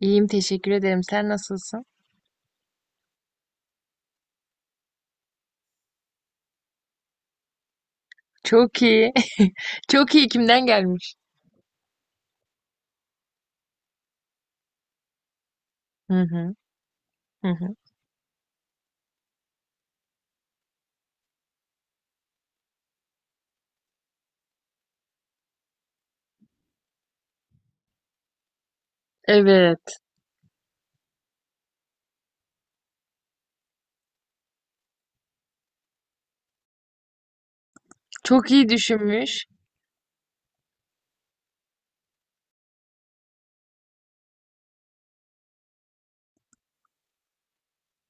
İyiyim, teşekkür ederim. Sen nasılsın? Çok iyi. Çok iyi, kimden gelmiş? Hı hı. Hı hı. Evet. Çok iyi düşünmüş.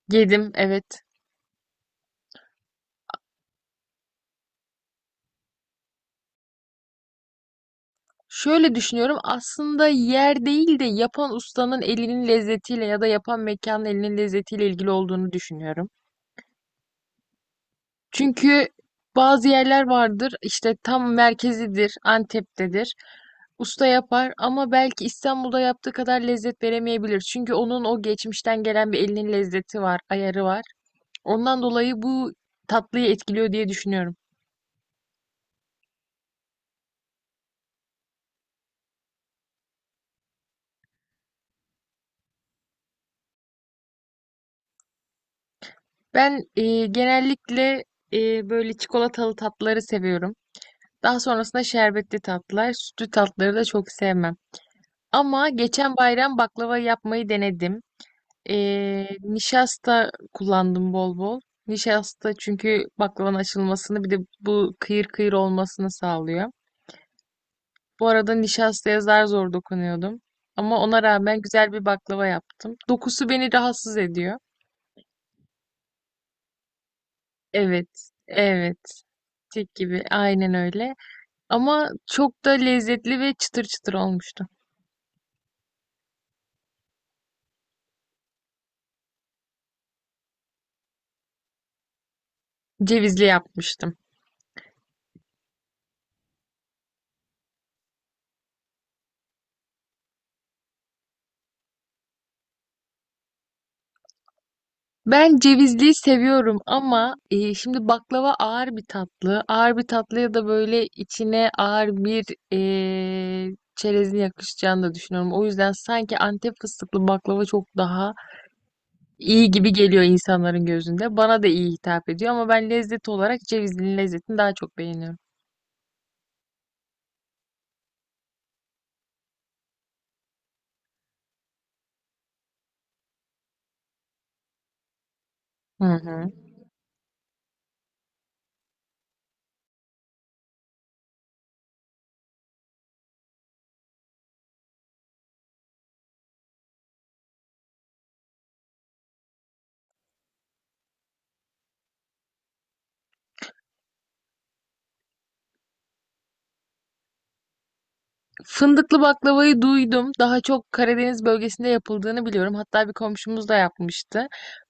Yedim, evet. Şöyle düşünüyorum, aslında yer değil de yapan ustanın elinin lezzetiyle ya da yapan mekanın elinin lezzetiyle ilgili olduğunu düşünüyorum. Çünkü bazı yerler vardır, işte tam merkezidir, Antep'tedir. Usta yapar ama belki İstanbul'da yaptığı kadar lezzet veremeyebilir. Çünkü onun o geçmişten gelen bir elinin lezzeti var, ayarı var. Ondan dolayı bu tatlıyı etkiliyor diye düşünüyorum. Ben genellikle böyle çikolatalı tatlıları seviyorum. Daha sonrasında şerbetli tatlılar, sütlü tatlıları da çok sevmem. Ama geçen bayram baklava yapmayı denedim. Nişasta kullandım bol bol. Nişasta çünkü baklavanın açılmasını bir de bu kıyır kıyır olmasını sağlıyor. Bu arada nişastaya zar zor dokunuyordum. Ama ona rağmen güzel bir baklava yaptım. Dokusu beni rahatsız ediyor. Evet, evet, tek gibi, aynen öyle. Ama çok da lezzetli ve çıtır çıtır olmuştu. Cevizli yapmıştım. Ben cevizliyi seviyorum ama şimdi baklava ağır bir tatlı. Ağır bir tatlıya da böyle içine ağır bir çerezin yakışacağını da düşünüyorum. O yüzden sanki Antep fıstıklı baklava çok daha iyi gibi geliyor insanların gözünde. Bana da iyi hitap ediyor ama ben lezzet olarak cevizlinin lezzetini daha çok beğeniyorum. Hı hı. Fındıklı baklavayı duydum. Daha çok Karadeniz bölgesinde yapıldığını biliyorum. Hatta bir komşumuz da yapmıştı.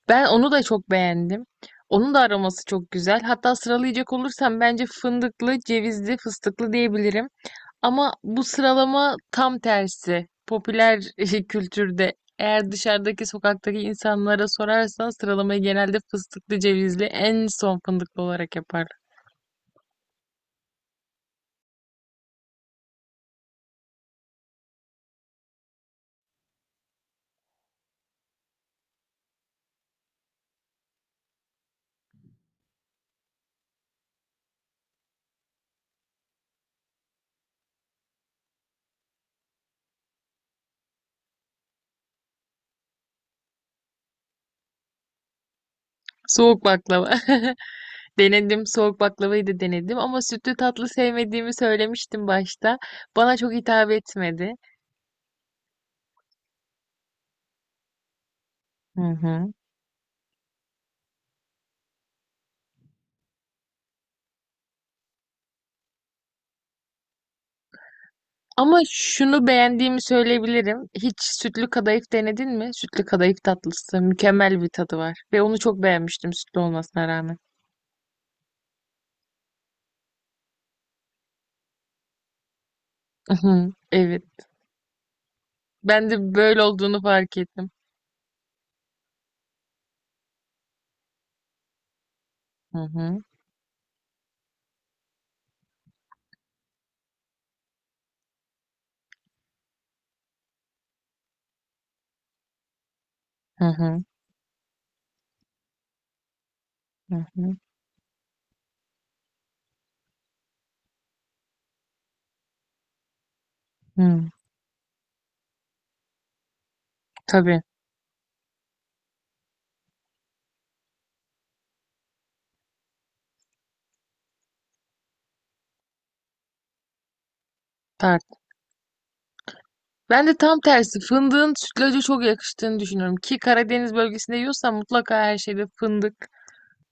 Ben onu da çok beğendim. Onun da aroması çok güzel. Hatta sıralayacak olursam bence fındıklı, cevizli, fıstıklı diyebilirim. Ama bu sıralama tam tersi. Popüler kültürde eğer dışarıdaki sokaktaki insanlara sorarsan sıralamayı genelde fıstıklı, cevizli, en son fındıklı olarak yapar. Soğuk baklava. Denedim, soğuk baklavayı da denedim ama sütlü tatlı sevmediğimi söylemiştim başta. Bana çok hitap etmedi. Hı hı. Ama şunu beğendiğimi söyleyebilirim. Hiç sütlü kadayıf denedin mi? Sütlü kadayıf tatlısı mükemmel bir tadı var ve onu çok beğenmiştim sütlü olmasına rağmen. Hı hı. Evet. Ben de böyle olduğunu fark ettim. Hı hı. Hı hı. Hı hı. Hı. Tabii. Tart. Ben de tam tersi fındığın sütlaca çok yakıştığını düşünüyorum ki Karadeniz bölgesinde yiyorsan mutlaka her şeyde fındık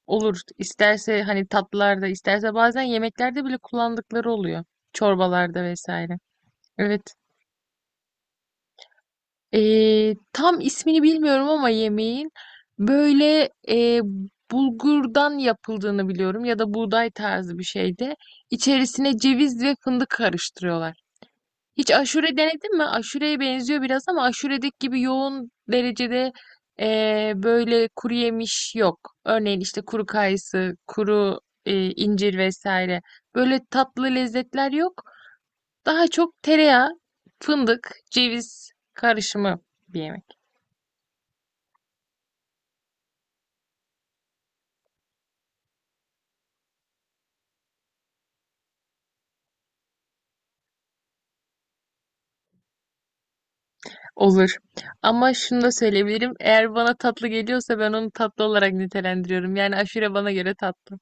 olur. İsterse hani tatlılarda, isterse bazen yemeklerde bile kullandıkları oluyor. Çorbalarda vesaire. Evet. Tam ismini bilmiyorum ama yemeğin böyle bulgurdan yapıldığını biliyorum ya da buğday tarzı bir şeyde. İçerisine ceviz ve fındık karıştırıyorlar. Hiç aşure denedin mi? Aşureye benziyor biraz ama aşuredeki gibi yoğun derecede böyle kuru yemiş yok. Örneğin işte kuru kayısı, kuru incir vesaire. Böyle tatlı lezzetler yok. Daha çok tereyağı, fındık, ceviz karışımı bir yemek olur. Ama şunu da söyleyebilirim. Eğer bana tatlı geliyorsa ben onu tatlı olarak nitelendiriyorum. Yani aşure bana göre tatlı.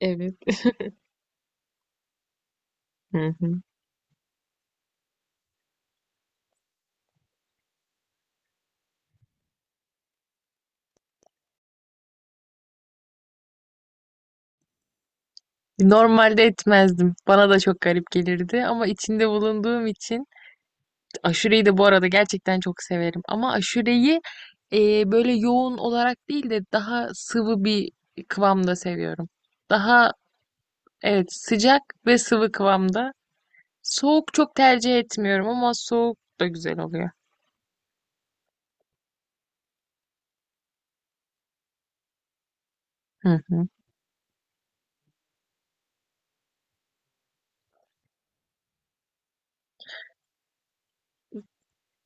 Evet. Hı hı. Normalde etmezdim. Bana da çok garip gelirdi ama içinde bulunduğum için aşureyi de bu arada gerçekten çok severim. Ama aşureyi böyle yoğun olarak değil de daha sıvı bir kıvamda seviyorum. Daha evet, sıcak ve sıvı kıvamda. Soğuk çok tercih etmiyorum ama soğuk da güzel oluyor. Hı hı.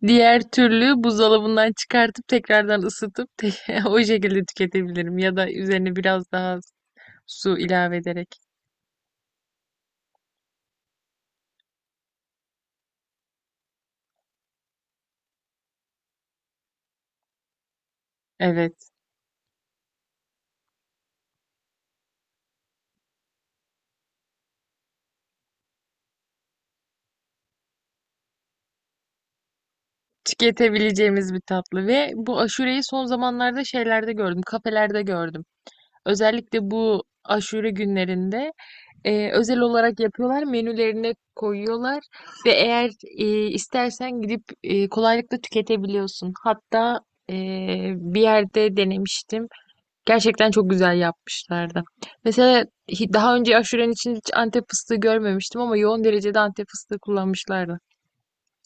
Diğer türlü buzdolabından çıkartıp tekrardan ısıtıp o şekilde tüketebilirim ya da üzerine biraz daha su ilave ederek. Evet. Tüketebileceğimiz bir tatlı ve bu aşureyi son zamanlarda şeylerde gördüm, kafelerde gördüm. Özellikle bu aşure günlerinde özel olarak yapıyorlar, menülerine koyuyorlar ve eğer istersen gidip kolaylıkla tüketebiliyorsun. Hatta e, bir yerde denemiştim. Gerçekten çok güzel yapmışlardı. Mesela daha önce aşurenin için hiç Antep fıstığı görmemiştim ama yoğun derecede Antep fıstığı kullanmışlardı.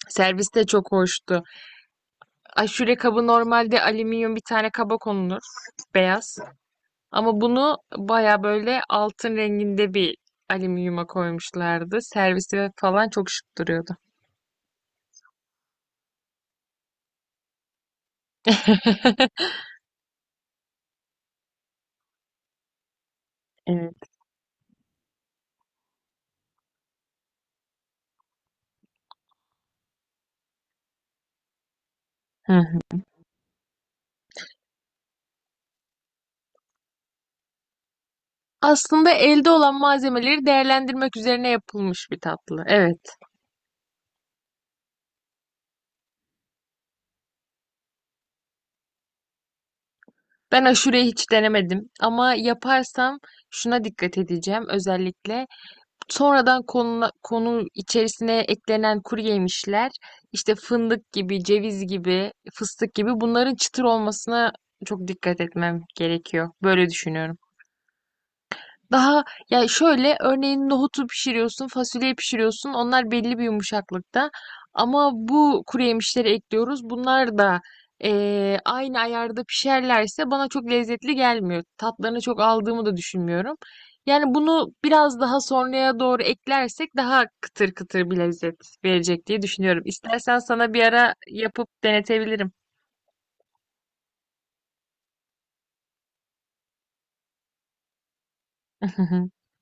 Servis de çok hoştu. Aşure kabı normalde alüminyum bir tane kaba konulur, beyaz. Ama bunu baya böyle altın renginde bir alüminyuma koymuşlardı. Servisi falan çok şık duruyordu. Evet. Hı hı. Aslında elde olan malzemeleri değerlendirmek üzerine yapılmış bir tatlı. Evet. Ben aşureyi hiç denemedim ama yaparsam şuna dikkat edeceğim özellikle. Sonradan konu içerisine eklenen kuru yemişler, işte fındık gibi, ceviz gibi, fıstık gibi bunların çıtır olmasına çok dikkat etmem gerekiyor. Böyle düşünüyorum. Daha ya şöyle, örneğin nohutu pişiriyorsun, fasulyeyi pişiriyorsun. Onlar belli bir yumuşaklıkta. Ama bu kuru yemişleri ekliyoruz. Bunlar da aynı ayarda pişerlerse bana çok lezzetli gelmiyor. Tatlarını çok aldığımı da düşünmüyorum. Yani bunu biraz daha sonraya doğru eklersek daha kıtır kıtır bir lezzet verecek diye düşünüyorum. İstersen sana bir ara yapıp denetebilirim.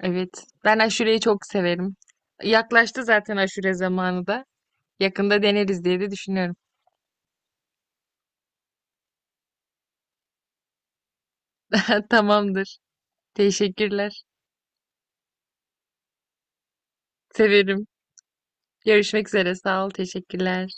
Evet, ben aşureyi çok severim. Yaklaştı zaten aşure zamanı da. Yakında deneriz diye de düşünüyorum. Tamamdır. Teşekkürler. Severim. Görüşmek üzere. Sağ ol. Teşekkürler.